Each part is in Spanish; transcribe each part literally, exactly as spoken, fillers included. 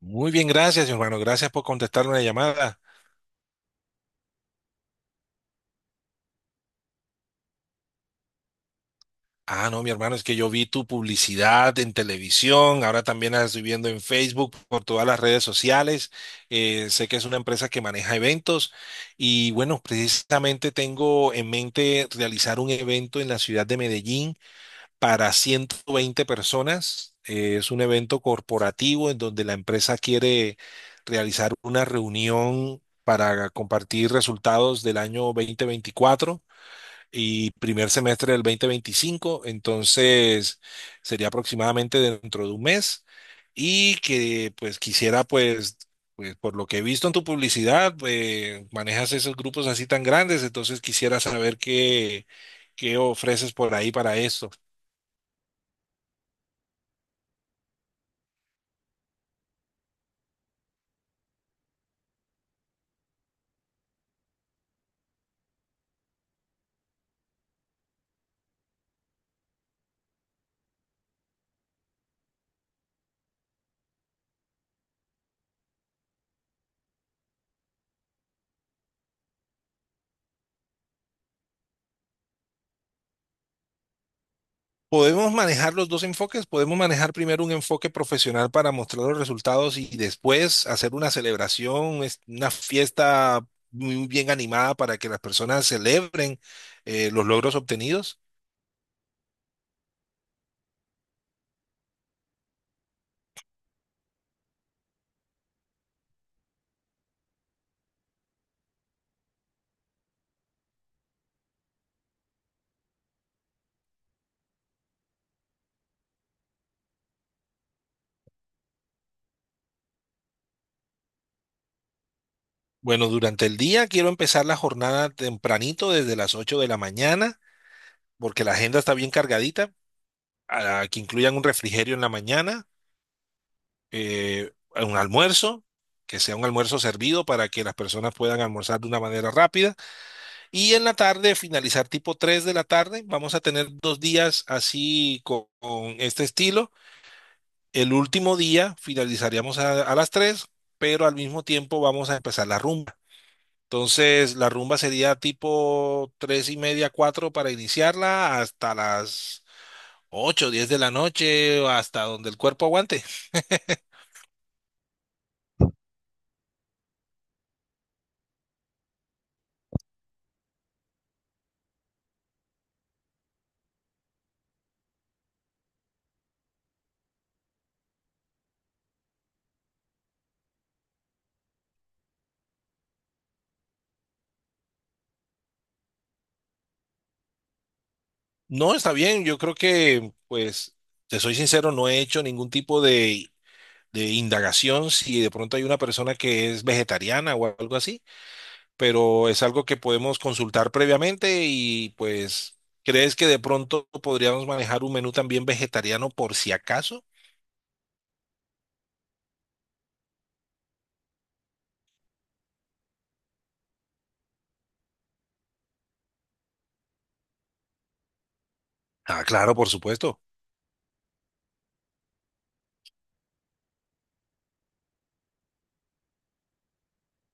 Muy bien, gracias, mi hermano. Gracias por contestar una llamada. Ah, no, mi hermano, es que yo vi tu publicidad en televisión, ahora también la estoy viendo en Facebook, por todas las redes sociales. Eh, sé que es una empresa que maneja eventos y bueno, precisamente tengo en mente realizar un evento en la ciudad de Medellín para ciento veinte personas. Eh, es un evento corporativo en donde la empresa quiere realizar una reunión para compartir resultados del año dos mil veinticuatro y primer semestre del dos mil veinticinco. Entonces sería aproximadamente dentro de un mes y que pues quisiera pues, pues por lo que he visto en tu publicidad, eh, manejas esos grupos así tan grandes, entonces quisiera saber qué, qué ofreces por ahí para esto. Podemos manejar los dos enfoques, podemos manejar primero un enfoque profesional para mostrar los resultados y después hacer una celebración, es- una fiesta muy bien animada para que las personas celebren eh, los logros obtenidos. Bueno, durante el día quiero empezar la jornada tempranito desde las ocho de la mañana, porque la agenda está bien cargadita. A- que incluyan un refrigerio en la mañana, eh, un almuerzo, que sea un almuerzo servido para que las personas puedan almorzar de una manera rápida. Y en la tarde, finalizar tipo tres de la tarde. Vamos a tener dos días así con, con este estilo. El último día finalizaríamos a, a las tres, pero al mismo tiempo vamos a empezar la rumba. Entonces, la rumba sería tipo tres y media, cuatro para iniciarla hasta las ocho y diez de la noche, o hasta donde el cuerpo aguante. No, está bien, yo creo que, pues, te soy sincero, no he hecho ningún tipo de de indagación si de pronto hay una persona que es vegetariana o algo así, pero es algo que podemos consultar previamente y pues, ¿crees que de pronto podríamos manejar un menú también vegetariano por si acaso? Ah, claro, por supuesto.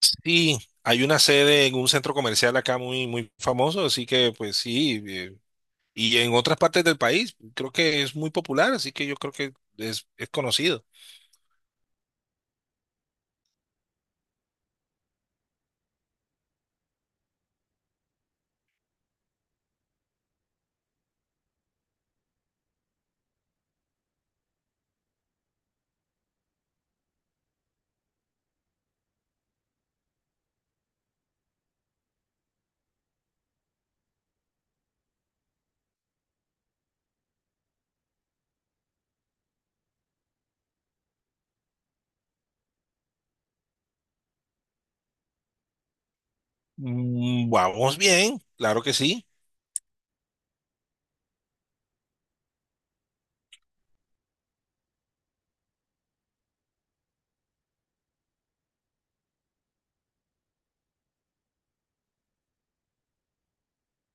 Sí, hay una sede en un centro comercial acá muy, muy famoso, así que pues sí, eh, y en otras partes del país creo que es muy popular, así que yo creo que es, es conocido. Mm, Vamos bien, claro que sí.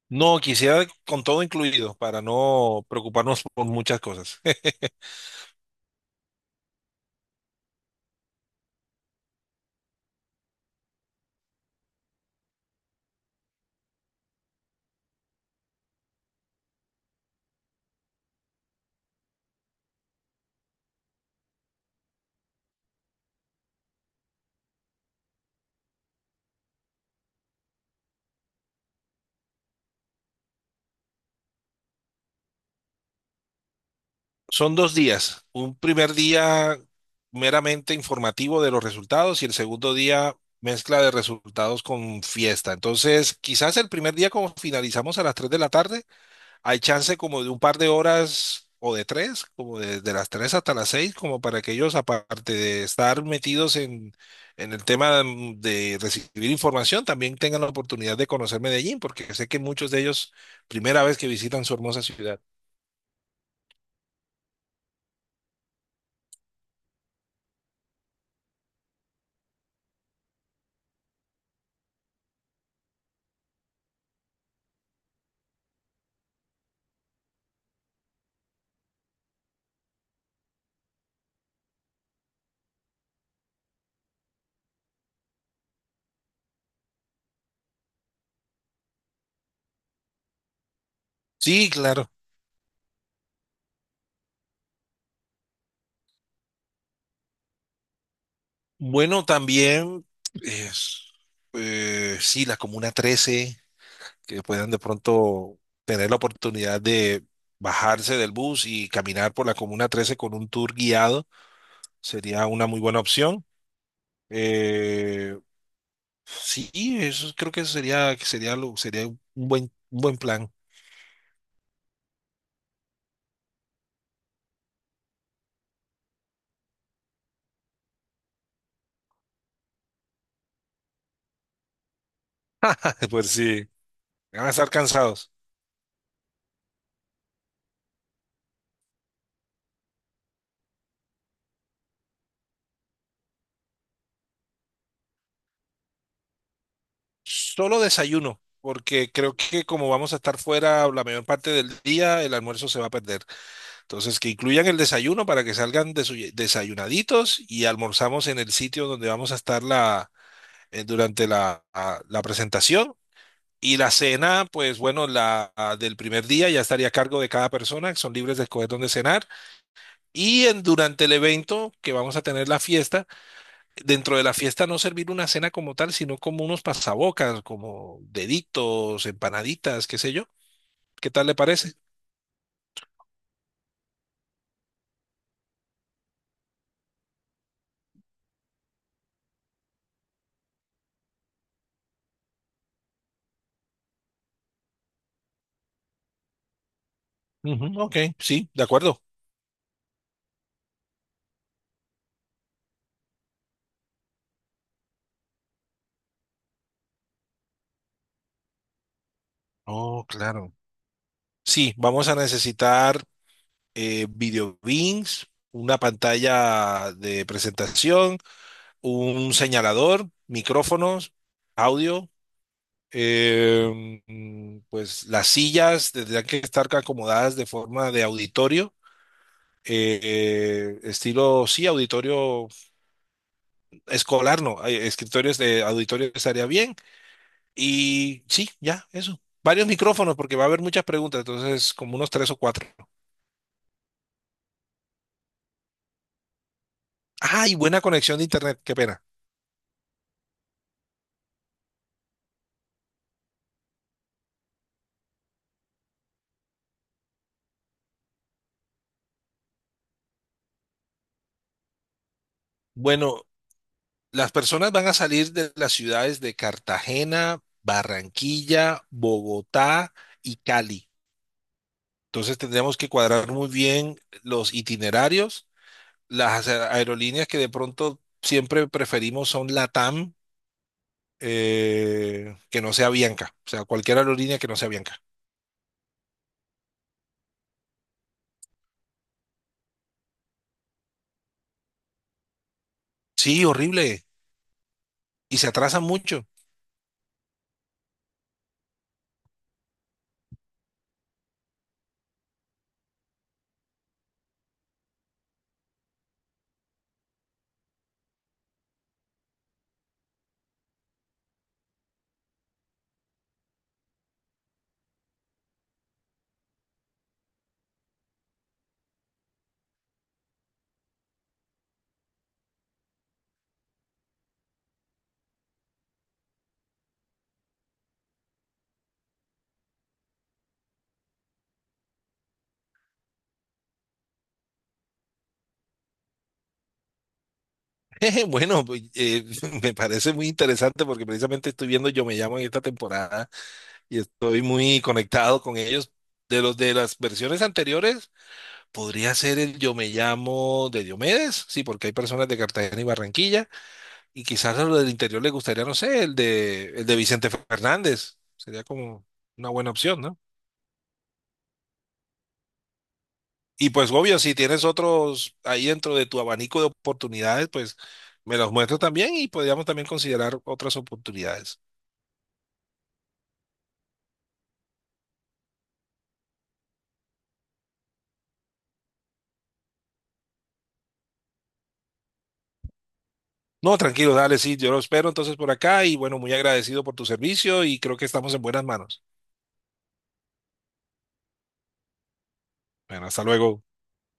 No, quisiera con todo incluido para no preocuparnos por muchas cosas. Son dos días. Un primer día meramente informativo de los resultados y el segundo día mezcla de resultados con fiesta. Entonces, quizás el primer día como finalizamos a las tres de la tarde, hay chance como de un par de horas o de tres, como de, de las tres hasta las seis, como para que ellos, aparte de estar metidos en, en el tema, mm, de recibir información, también tengan la oportunidad de conocer Medellín, porque sé que muchos de ellos, primera vez que visitan su hermosa ciudad. Sí, claro. Bueno, también, es, eh, sí, la Comuna trece, que puedan de pronto tener la oportunidad de bajarse del bus y caminar por la Comuna trece con un tour guiado. Sería una muy buena opción. Eh, sí, eso creo que sería, que sería, lo- sería un buen, un buen plan. Pues sí, van a estar cansados. Solo desayuno, porque creo que como vamos a estar fuera la mayor parte del día, el almuerzo se va a perder. Entonces, que incluyan el desayuno para que salgan desu- desayunaditos y almorzamos en el sitio donde vamos a estar la, eh, durante la, a- la presentación. Y la cena, pues bueno, la ah, del primer día ya estaría a cargo de cada persona, son libres de escoger dónde cenar. Y en- durante el evento que vamos a tener la fiesta, dentro de la fiesta no servir una cena como tal, sino como unos pasabocas, como deditos, empanaditas, qué sé yo. ¿Qué tal le parece? Ujú, ok, sí, de acuerdo. Oh, claro. Sí, vamos a necesitar eh, video beams, una pantalla de presentación, un señalador, micrófonos, audio. Eh, mm, pues las sillas tendrían que estar acomodadas de forma de auditorio, eh, eh, estilo, sí, auditorio escolar, no, eh, escritorios de auditorio estaría bien. Y sí, ya, eso. Varios micrófonos, porque va a haber muchas preguntas, entonces como unos tres o cuatro. Ay, buena conexión de internet, qué pena. Bueno, las personas van a salir de las ciudades de Cartagena, Barranquilla, Bogotá y Cali. Entonces tendríamos que cuadrar muy bien los itinerarios. Las a- aerolíneas que de pronto siempre preferimos son LATAM, eh, que no sea Bianca. O sea, cualquier aerolínea que no sea Bianca. Sí, horrible. Y se atrasan mucho. Bueno, pues, eh, me parece muy interesante porque precisamente estoy viendo Yo Me Llamo en esta temporada y estoy muy conectado con ellos. De los de las versiones anteriores, podría ser el Yo Me Llamo de Diomedes, sí, porque hay personas de Cartagena y Barranquilla. Y quizás a lo del interior le gustaría, no sé, el de, el de Vicente Fernández. Sería como una buena opción, ¿no? Y pues obvio, si tienes otros ahí dentro de tu abanico de oportunidades, pues me los muestro también y podríamos también considerar otras oportunidades. No, tranquilo, dale, sí, yo lo espero entonces por acá y bueno, muy agradecido por tu servicio y creo que estamos en buenas manos. Bueno, hasta luego.